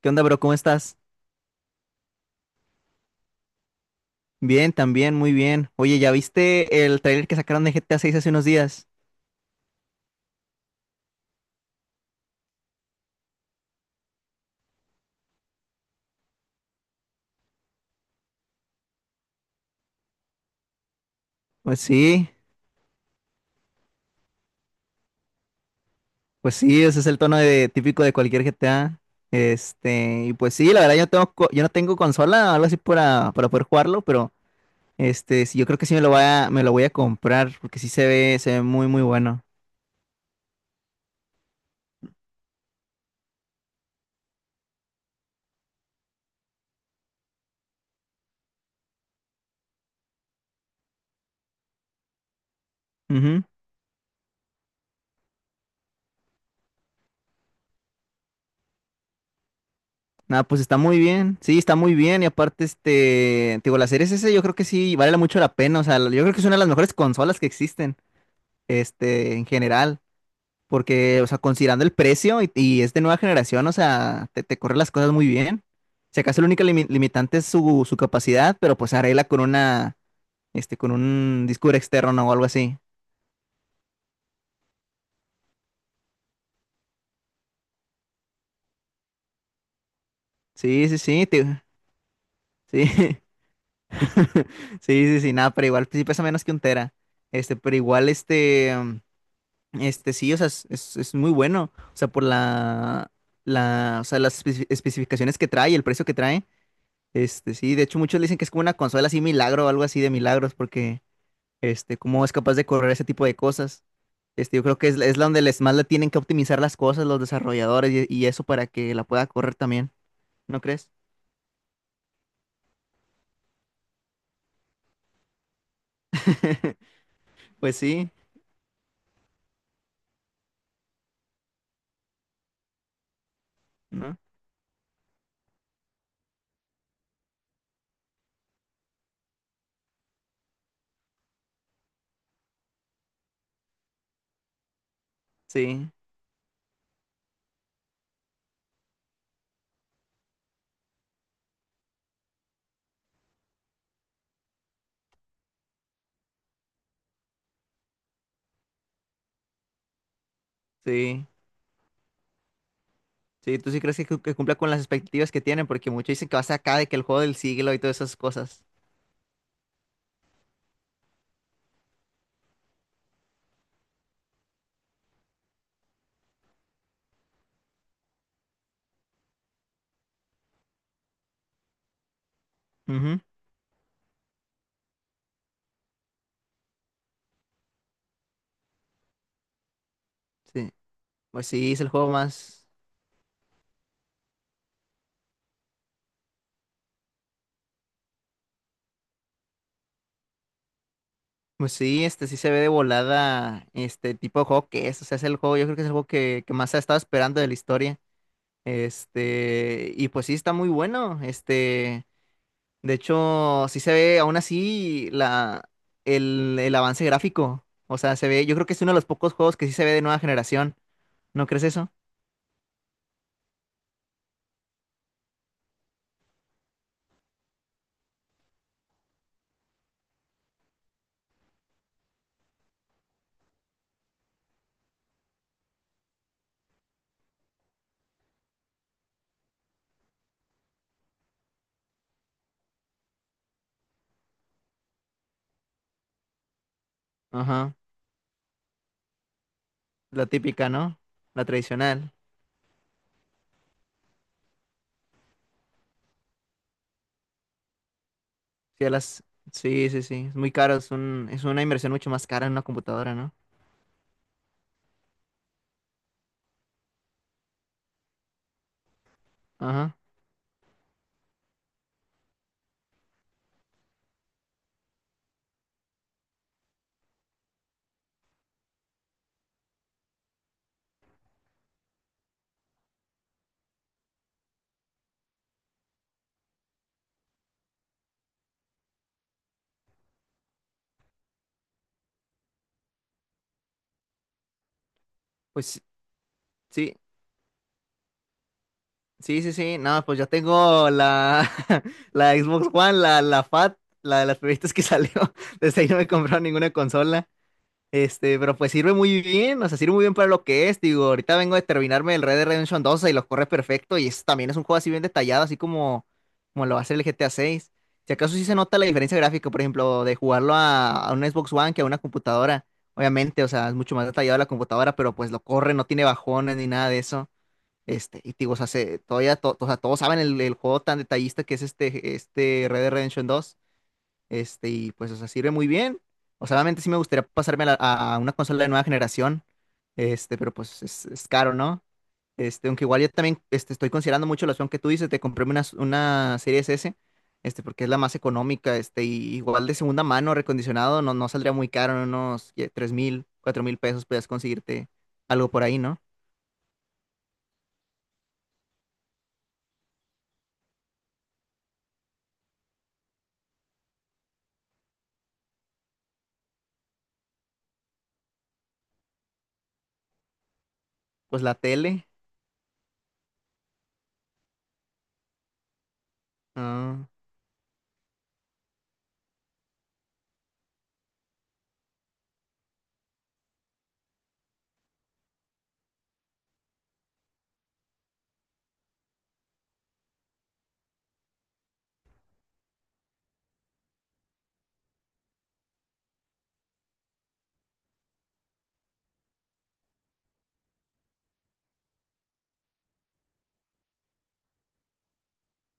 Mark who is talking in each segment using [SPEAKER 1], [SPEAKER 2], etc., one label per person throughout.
[SPEAKER 1] ¿Qué onda, bro? ¿Cómo estás? Bien, también, muy bien. Oye, ¿ya viste el trailer que sacaron de GTA 6 hace unos días? Pues sí, pues sí, ese es el tono de, típico de cualquier GTA. Y pues sí, la verdad yo no tengo, yo no tengo consola o algo así para poder jugarlo, pero sí, yo creo que sí me lo voy a, me lo voy a comprar, porque sí se ve muy, muy bueno. Ujú. Nada, pues está muy bien. Sí, está muy bien. Y aparte, te digo, la serie S yo creo que sí vale mucho la pena. O sea, yo creo que es una de las mejores consolas que existen, en general. Porque, o sea, considerando el precio y es de nueva generación, o sea, te corre las cosas muy bien. Si acaso la única limitante es su, su capacidad, pero pues arregla con una, con un disco duro externo, ¿no? O algo así. Sí, sí, sí, sí. Sí, sí, sí, nada, pero igual pues, sí pesa menos que un tera. Este, pero igual, este, mm, este, sí, o sea, es, es muy bueno. O sea, por la, la, o sea, las especificaciones que trae, el precio que trae. Sí, de hecho muchos le dicen que es como una consola así milagro o algo así de milagros, porque cómo es capaz de correr ese tipo de cosas. Yo creo que es, es la donde les más le tienen que optimizar las cosas los desarrolladores y eso para que la pueda correr también, ¿no crees? Pues sí, ¿no? Sí, sí. Sí, tú sí crees que, que cumpla con las expectativas que tienen, porque muchos dicen que va a ser acá de que el juego del siglo y todas esas cosas. Ujú. Sí. Pues sí, es el juego más. Pues sí, este sí se ve de volada este tipo de juego que es. O sea, es el juego, yo creo que es el juego que más ha estado esperando de la historia. Y pues sí, está muy bueno. De hecho, sí se ve aún así la, el avance gráfico. O sea, se ve, yo creo que es uno de los pocos juegos que sí se ve de nueva generación. ¿No crees eso? Ajá. La típica, ¿no? La tradicional. Sí, a las, sí, sí, sí. Es muy caro, es un, es una inversión mucho más cara en una computadora, ¿no? Ajá. Pues. Sí, sí, sí, sí. No, pues yo tengo la, la Xbox One, la, la Fat, la de las primeritas que salió. Desde ahí no me he comprado ninguna consola. Pero pues sirve muy bien, o sea, sirve muy bien para lo que es. Digo, ahorita vengo de terminarme el Red Dead Redemption 2 y lo corre perfecto. Y también es un juego así bien detallado, así como, como lo va a hacer el GTA 6. Si acaso sí se nota la diferencia gráfica, por ejemplo, de jugarlo a una Xbox One que a una computadora. Obviamente, o sea, es mucho más detallado la computadora, pero pues lo corre, no tiene bajones ni nada de eso. Y te digo, o sea, todavía o sea, todos saben el juego tan detallista que es este, este Red Dead Redemption 2. Y pues, o sea, sirve muy bien. O sea, obviamente sí me gustaría pasarme a, a una consola de nueva generación. Pero pues es caro, ¿no? Aunque igual yo también estoy considerando mucho la opción que tú dices de comprarme una Series S, porque es la más económica, y igual de segunda mano, recondicionado, no, no saldría muy caro, en unos 3 mil, 4 mil pesos puedes conseguirte algo por ahí, ¿no? Pues la tele. Ah,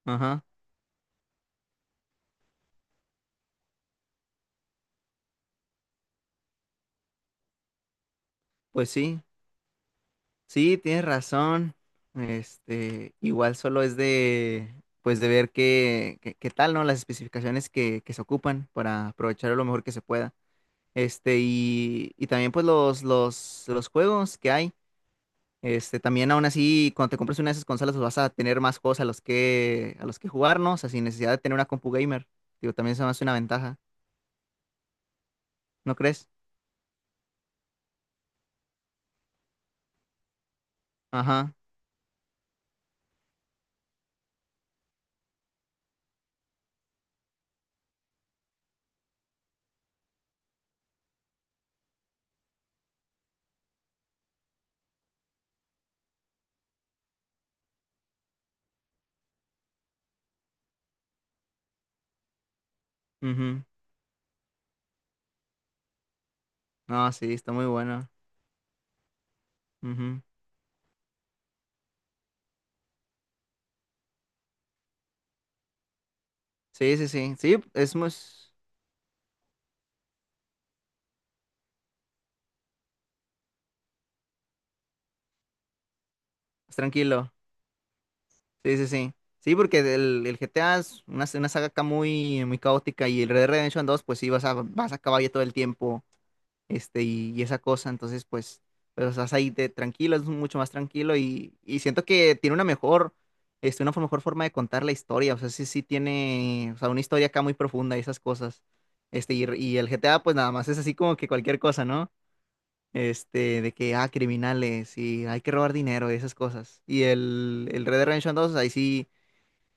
[SPEAKER 1] ajá. Pues sí, sí, tienes razón. Igual solo es de, pues de ver qué, qué, qué tal, ¿no? Las especificaciones que se ocupan para aprovecharlo lo mejor que se pueda. Y, y también pues los juegos que hay. También aún así, cuando te compres una de esas consolas, pues vas a tener más juegos a los que jugar, ¿no? O sea, sin necesidad de tener una compu gamer. Digo, también se me hace una ventaja, ¿no crees? Ajá. Ujú. No, sí, está muy bueno. Ujú. Sí, sí, sí. Sí, es muy... Más tranquilo. Sí, sí, sí. Sí, porque el GTA es una saga acá muy, muy caótica y el Red Dead Redemption 2 pues sí, vas a, vas a caballo todo el tiempo, y esa cosa, entonces, pues, pues estás ahí de tranquilo, es mucho más tranquilo y siento que tiene una mejor, una mejor forma de contar la historia, o sea, sí, sí tiene, o sea, una historia acá muy profunda y esas cosas, y el GTA, pues nada más es así como que cualquier cosa, ¿no? De que, ah, criminales y hay que robar dinero y esas cosas. Y el Red Dead Redemption 2, ahí sí,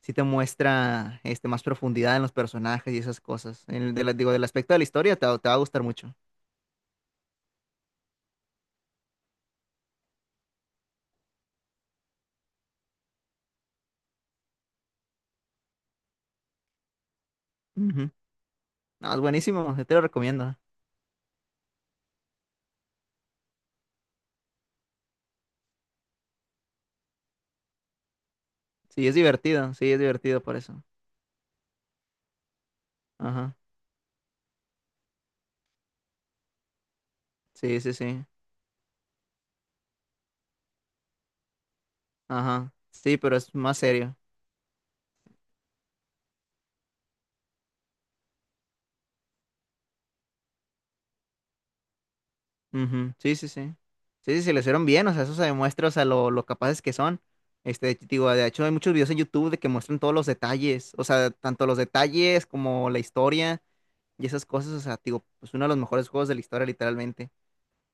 [SPEAKER 1] sí te muestra más profundidad en los personajes y esas cosas. En el de digo, del aspecto de la historia te va a gustar mucho. Ujú. No, es buenísimo, yo te lo recomiendo. Sí, es divertido por eso. Ajá, sí, sí, sí. Ajá, sí, pero es más serio. Ujú. Sí, sí, sí. Sí, sí, sí, lo hicieron bien, o sea, eso se demuestra, o sea, lo capaces que son. Te digo, de hecho, hay muchos videos en YouTube de que muestran todos los detalles, o sea, tanto los detalles como la historia y esas cosas, o sea, te digo, pues uno de los mejores juegos de la historia, literalmente.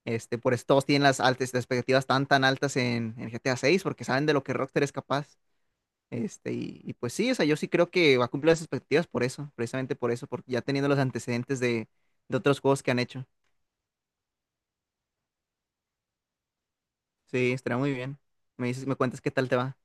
[SPEAKER 1] Por eso todos tienen las altas, las expectativas tan, tan altas en GTA 6, porque saben de lo que Rockstar es capaz. Y, y pues sí, o sea, yo sí creo que va a cumplir las expectativas por eso, precisamente por eso, porque ya teniendo los antecedentes de otros juegos que han hecho. Sí, estará muy bien. Me dices, me cuentas qué tal te va.